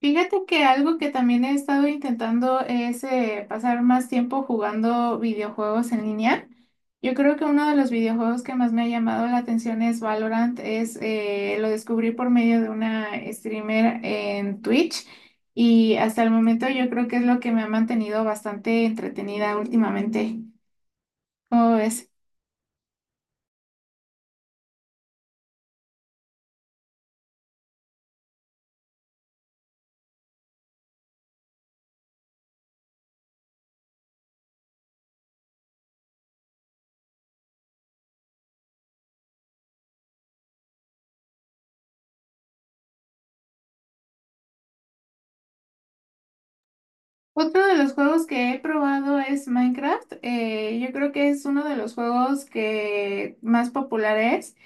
Fíjate que algo que también he estado intentando es pasar más tiempo jugando videojuegos en línea. Yo creo que uno de los videojuegos que más me ha llamado la atención es Valorant. Lo descubrí por medio de una streamer en Twitch y hasta el momento yo creo que es lo que me ha mantenido bastante entretenida últimamente. ¿Cómo ves? Otro de los juegos que he probado es Minecraft. Yo creo que es uno de los juegos que más popular es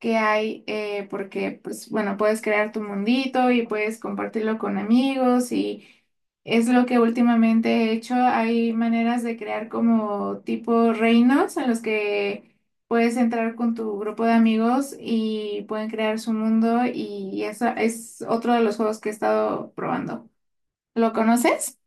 que hay, porque, pues, bueno, puedes crear tu mundito y puedes compartirlo con amigos y es lo que últimamente he hecho. Hay maneras de crear como tipo reinos en los que puedes entrar con tu grupo de amigos y pueden crear su mundo, y eso es otro de los juegos que he estado probando. ¿Lo conoces?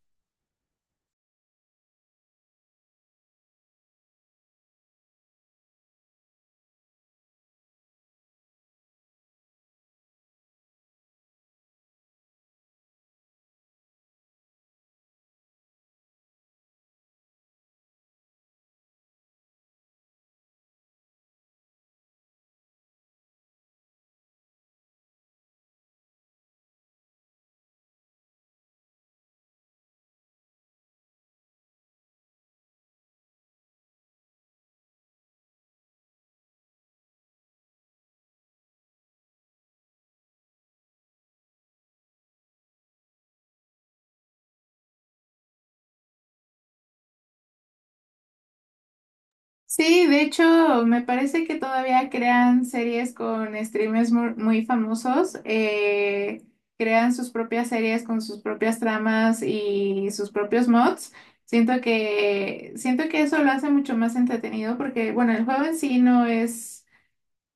Sí, de hecho, me parece que todavía crean series con streamers muy famosos, crean sus propias series con sus propias tramas y sus propios mods. Siento que eso lo hace mucho más entretenido porque, bueno, el juego en sí no es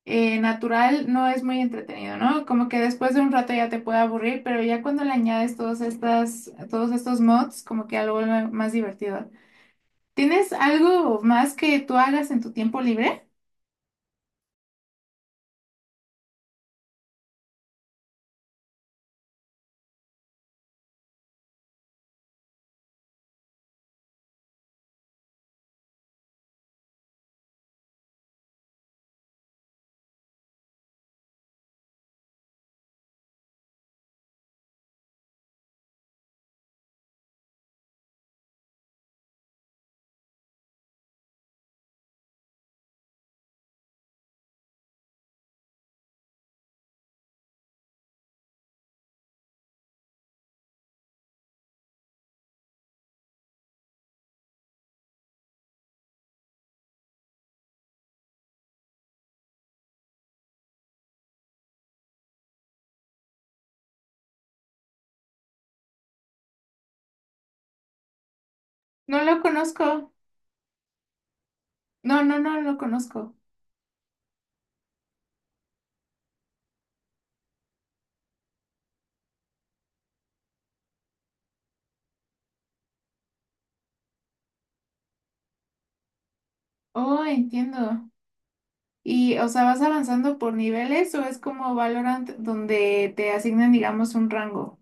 natural, no es muy entretenido, ¿no? Como que después de un rato ya te puede aburrir, pero ya cuando le añades todos estos mods, como que algo más divertido. ¿Tienes algo más que tú hagas en tu tiempo libre? No lo conozco. No, no lo conozco. Oh, entiendo. Y, o sea, ¿vas avanzando por niveles o es como Valorant donde te asignan, digamos, un rango?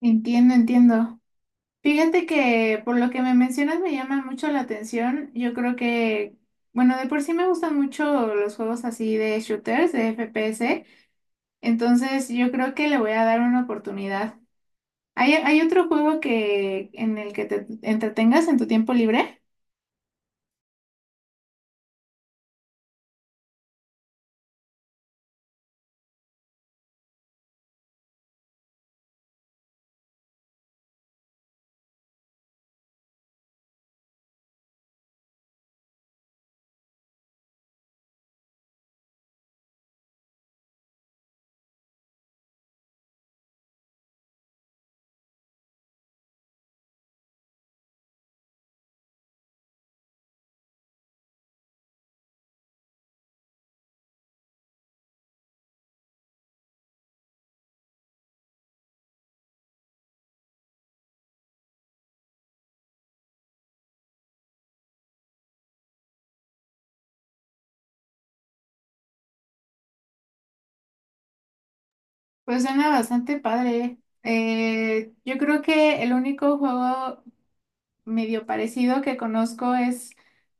Entiendo, entiendo. Fíjate que por lo que me mencionas me llama mucho la atención. Yo creo que, bueno, de por sí me gustan mucho los juegos así de shooters, de FPS. Entonces, yo creo que le voy a dar una oportunidad. ¿ hay otro juego que en el que te entretengas en tu tiempo libre? Pues suena bastante padre. Yo creo que el único juego medio parecido que conozco es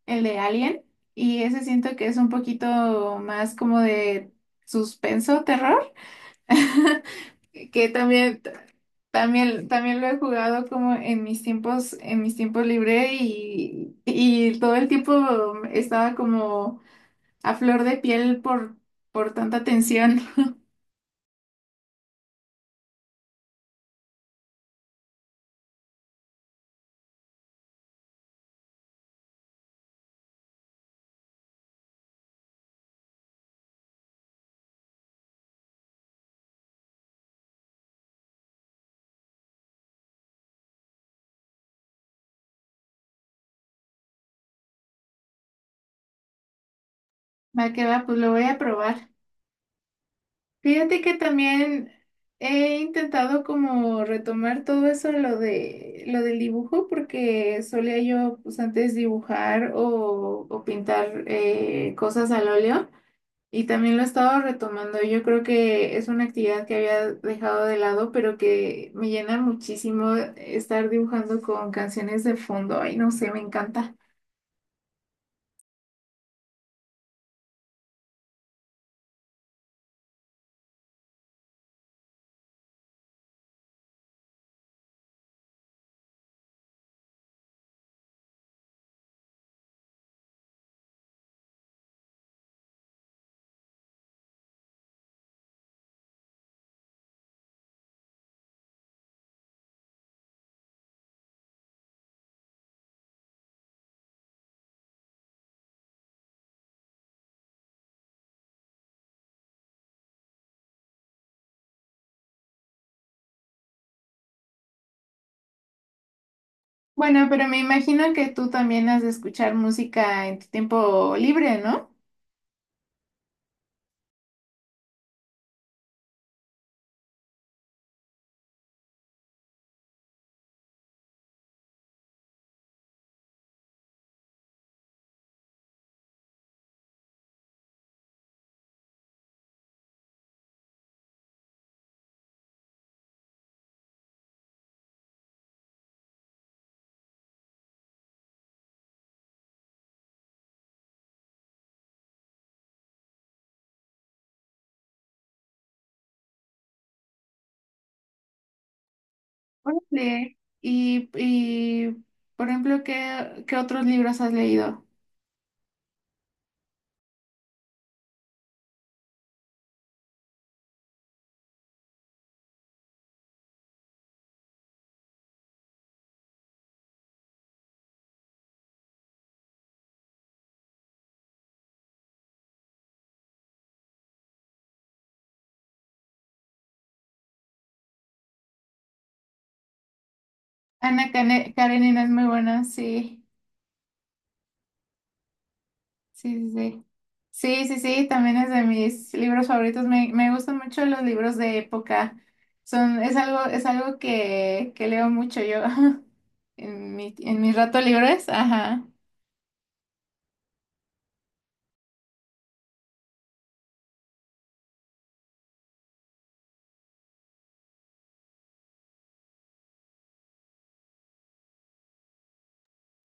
el de Alien, y ese siento que es un poquito más como de suspenso, terror, que también también lo he jugado como en mis tiempos libres y todo el tiempo estaba como a flor de piel por tanta tensión. Va que va, pues lo voy a probar. Fíjate que también he intentado como retomar todo eso, lo del dibujo, porque solía yo pues antes dibujar o pintar cosas al óleo. Y también lo he estado retomando. Yo creo que es una actividad que había dejado de lado, pero que me llena muchísimo estar dibujando con canciones de fondo. Ay, no sé, me encanta. Bueno, pero me imagino que tú también has de escuchar música en tu tiempo libre, ¿no? Órale. Y, por ejemplo, ¿ qué otros libros has leído? Ana Karenina es muy buena. Sí, sí, sí, sí. Sí, sí, sí, también es de mis libros favoritos. Me gustan mucho los libros de época. Es algo que leo mucho yo en mis ratos libres. Ajá.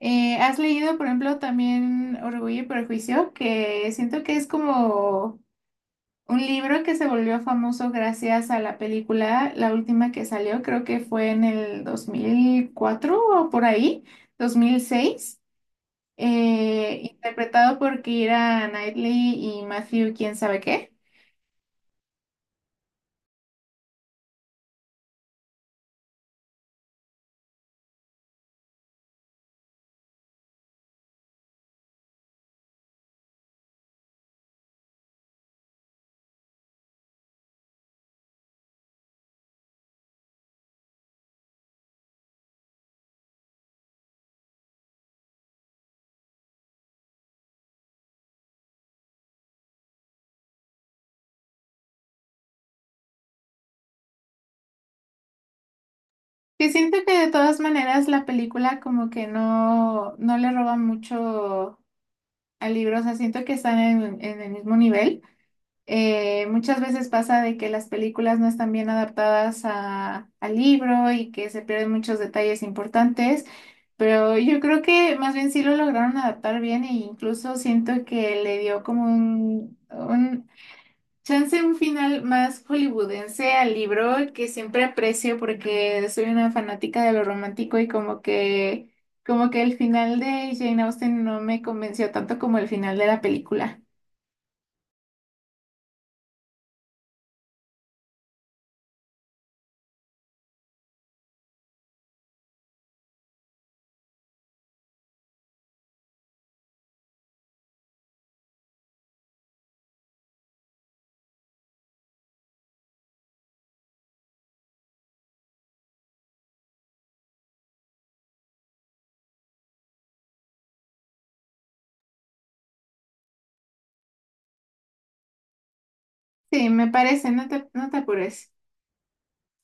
¿Has leído, por ejemplo, también Orgullo y Prejuicio? Que siento que es como un libro que se volvió famoso gracias a la película, la última que salió, creo que fue en el 2004 o por ahí, 2006, interpretado por Keira Knightley y Matthew, quién sabe qué. Que siento que de todas maneras la película como que no le roba mucho al libro, o sea, siento que están en el mismo nivel. Muchas veces pasa de que las películas no están bien adaptadas al libro y que se pierden muchos detalles importantes, pero yo creo que más bien sí lo lograron adaptar bien, e incluso siento que le dio como un chance, un final más hollywoodense al libro, que siempre aprecio porque soy una fanática de lo romántico, y como que el final de Jane Austen no me convenció tanto como el final de la película. Sí, me parece. No te apures.